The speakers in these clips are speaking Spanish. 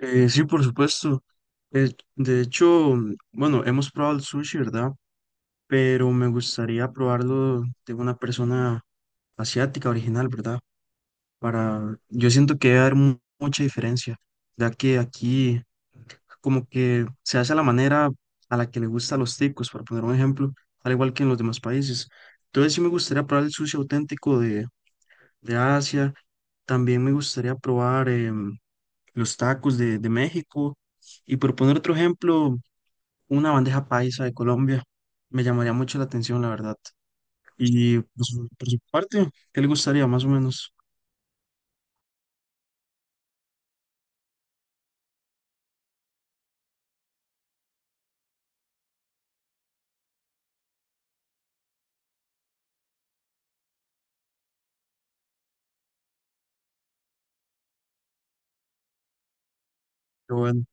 Sí, por supuesto. Eh, de hecho, bueno, hemos probado el sushi, ¿verdad? Pero me gustaría probarlo de una persona asiática original, ¿verdad? Yo siento que va a haber mucha diferencia, ya que aquí como que se hace a la manera a la que le gusta a los ticos, para poner un ejemplo, al igual que en los demás países. Entonces sí me gustaría probar el sushi auténtico de Asia. También me gustaría probar los tacos de México. Y por poner otro ejemplo, una bandeja paisa de Colombia. Me llamaría mucho la atención, la verdad. Y por su parte, ¿qué le gustaría más o menos? Pero bueno,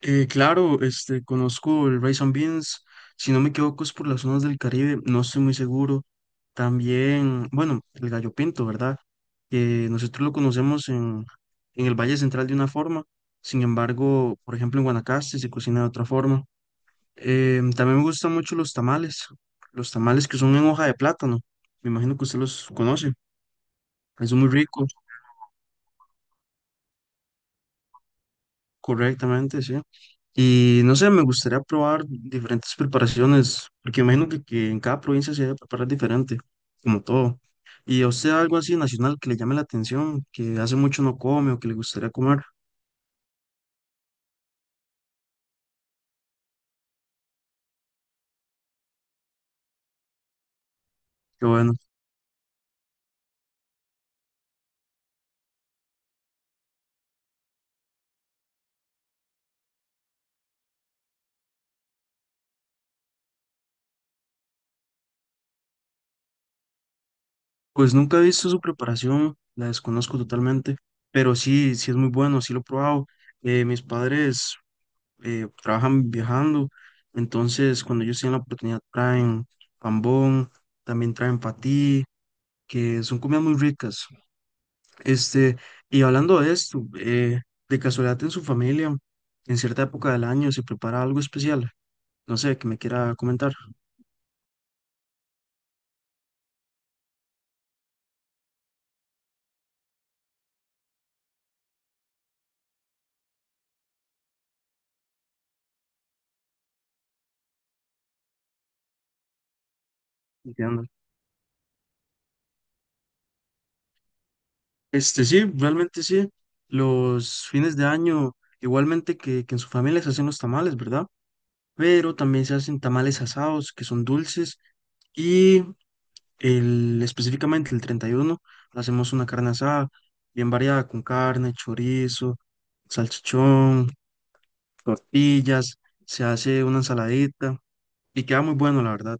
claro, este, conozco el rice and beans. Si no me equivoco, es por las zonas del Caribe, no estoy muy seguro. También, bueno, el gallo pinto, ¿verdad? Que nosotros lo conocemos en el Valle Central de una forma. Sin embargo, por ejemplo, en Guanacaste se cocina de otra forma. También me gustan mucho los tamales que son en hoja de plátano. Me imagino que usted los conoce. Es muy rico, correctamente, sí. Y no sé, me gustaría probar diferentes preparaciones, porque imagino que en cada provincia se debe preparar diferente, como todo. ¿Y a usted algo así nacional que le llame la atención, que hace mucho no come o que le gustaría comer? Qué bueno, pues nunca he visto su preparación, la desconozco totalmente, pero sí, sí es muy bueno, sí lo he probado. Mis padres trabajan viajando. Entonces, cuando ellos tienen la oportunidad, traen pambón, también traen patí, que son comidas muy ricas. Este, y hablando de esto, de casualidad en su familia, en cierta época del año se prepara algo especial. No sé, que me quiera comentar. Entiendo. Este sí, realmente sí. Los fines de año, igualmente que en su familia se hacen los tamales, ¿verdad? Pero también se hacen tamales asados, que son dulces, y específicamente el 31 hacemos una carne asada bien variada, con carne, chorizo, salchichón, tortillas, se hace una ensaladita y queda muy bueno, la verdad.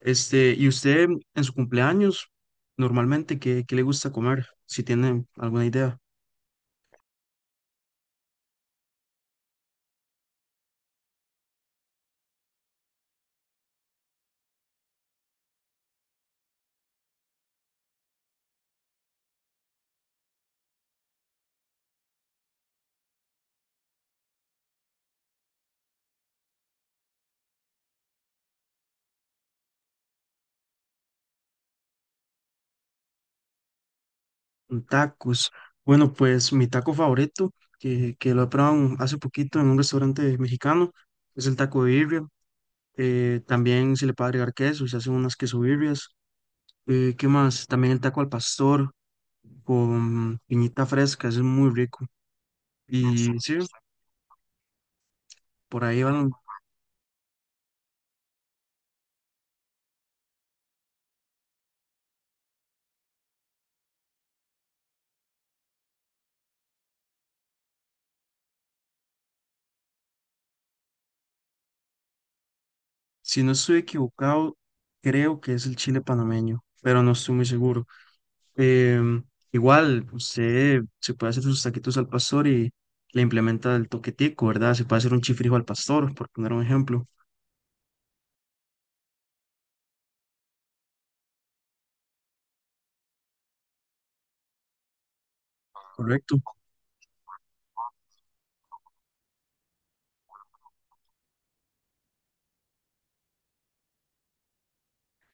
Este, ¿y usted en su cumpleaños, normalmente, qué le gusta comer? Si tiene alguna idea. Tacos. Bueno, pues mi taco favorito, que lo he probado hace poquito en un restaurante mexicano, es el taco de birria. También se le puede agregar queso, y se hacen unas queso birrias. ¿Qué más? También el taco al pastor con piñita fresca, ese es muy rico. Y sí, por ahí van, si no estoy equivocado, creo que es el chile panameño, pero no estoy muy seguro. Em, Igual, usted se puede hacer sus taquitos al pastor y le implementa el toquetico, ¿verdad? Se puede hacer un chifrijo al pastor, por poner un ejemplo. Correcto.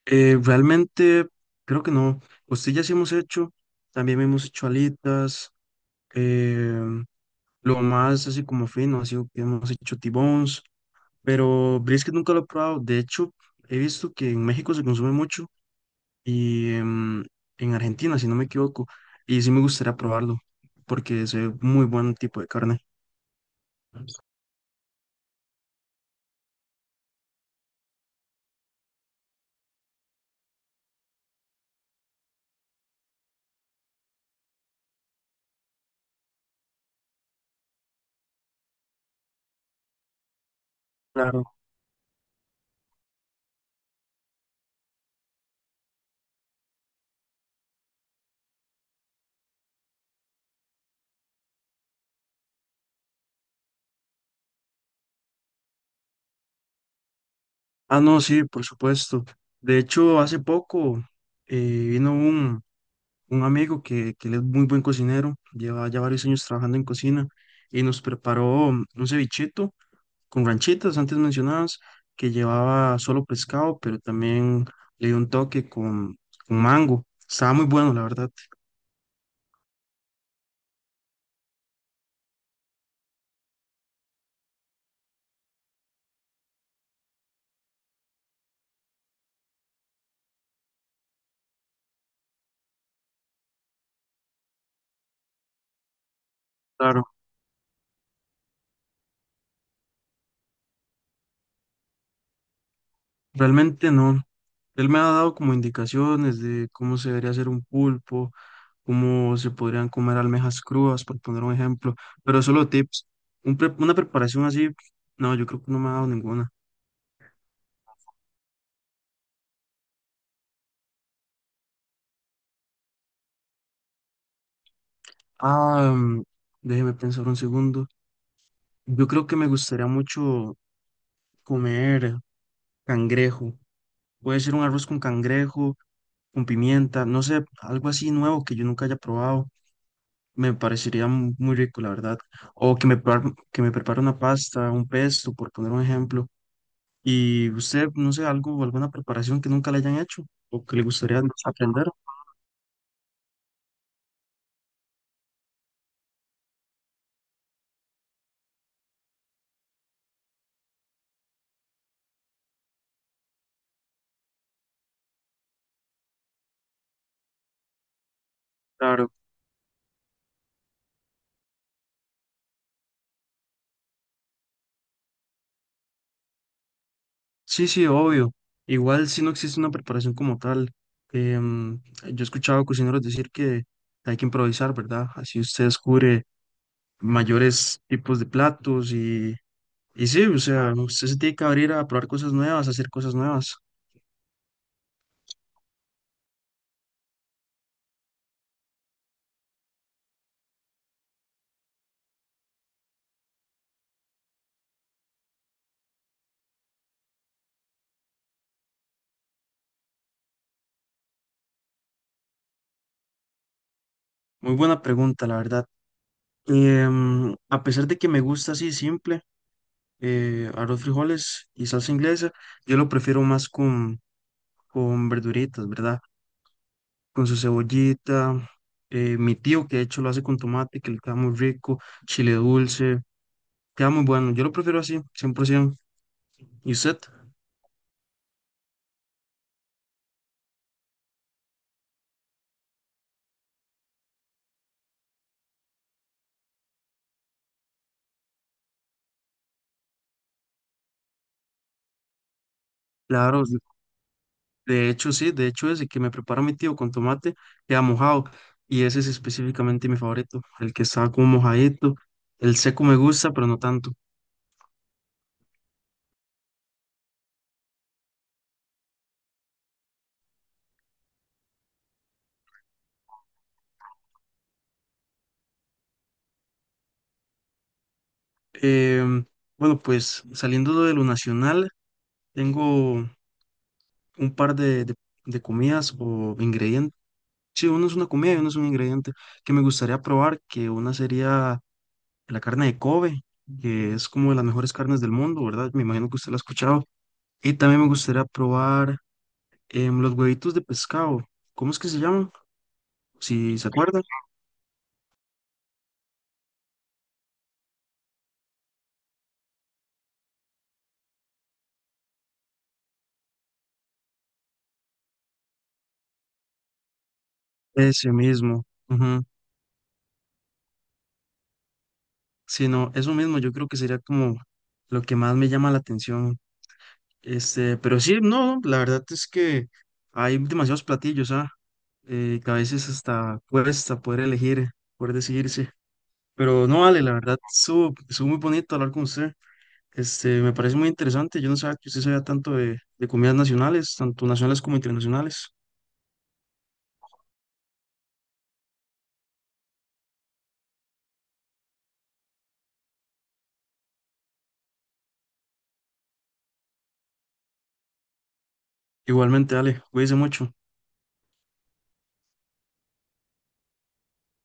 Realmente, creo que no. Costillas sí hemos hecho, también hemos hecho alitas. em, lo más así como fino ha sido que hemos hecho T-bones, pero brisket nunca lo he probado. De hecho, he visto que en México se consume mucho. Y en Argentina, si no me equivoco. Y sí me gustaría probarlo, porque es muy buen tipo de carne. Claro. Ah, no, sí, por supuesto. De hecho, hace poco vino un amigo que él es muy buen cocinero, lleva ya varios años trabajando en cocina y nos preparó un cevichito con ranchitas antes mencionadas, que llevaba solo pescado, pero también le dio un toque con mango. Estaba muy bueno, la verdad. Claro. Realmente no. Él me ha dado como indicaciones de cómo se debería hacer un pulpo, cómo se podrían comer almejas crudas, por poner un ejemplo, pero solo tips. Una preparación así, no, yo creo que no me ha dado ninguna. Ah, déjeme pensar un segundo. Yo creo que me gustaría mucho comer cangrejo. Puede ser un arroz con cangrejo, con pimienta, no sé, algo así nuevo que yo nunca haya probado. Me parecería muy rico, la verdad. O que me prepare una pasta, un pesto, por poner un ejemplo. Y usted, no sé, algo, alguna preparación que nunca le hayan hecho o que le gustaría aprender. Claro. Sí, sí, obvio. Igual si no existe una preparación como tal. Em, yo he escuchado cocineros decir que hay que improvisar, ¿verdad? Así usted descubre mayores tipos de platos y sí, o sea, usted se tiene que abrir a probar cosas nuevas, a hacer cosas nuevas. Muy buena pregunta, la verdad. A pesar de que me gusta así simple, arroz, frijoles y salsa inglesa, yo lo prefiero más con verduritas, ¿verdad? Con su cebollita, mi tío que de hecho lo hace con tomate, que le queda muy rico, chile dulce, queda muy bueno. Yo lo prefiero así, 100%. ¿Y usted? Claro, de hecho sí, de hecho ese que me prepara mi tío con tomate queda mojado y ese es específicamente mi favorito, el que está como mojadito. El seco me gusta, pero no tanto. Em, bueno, pues saliendo de lo nacional, tengo un par de comidas o ingredientes. Sí, uno es una comida y uno es un ingrediente que me gustaría probar, que una sería la carne de Kobe, que es como de las mejores carnes del mundo, ¿verdad? Me imagino que usted la ha escuchado. Y también me gustaría probar los huevitos de pescado. ¿Cómo es que se llaman? Si se acuerdan. Ese mismo. Ujú. Sí, no, eso mismo yo creo que sería como lo que más me llama la atención. Este, pero sí, no, la verdad es que hay demasiados platillos, ¿ah? Que a veces hasta cuesta poder elegir, poder decidirse. Pero no vale, la verdad, estuvo muy bonito hablar con usted. Este, me parece muy interesante. Yo no sabía que usted sabía tanto de comidas nacionales, tanto nacionales como internacionales. Igualmente, Ale, cuídese mucho.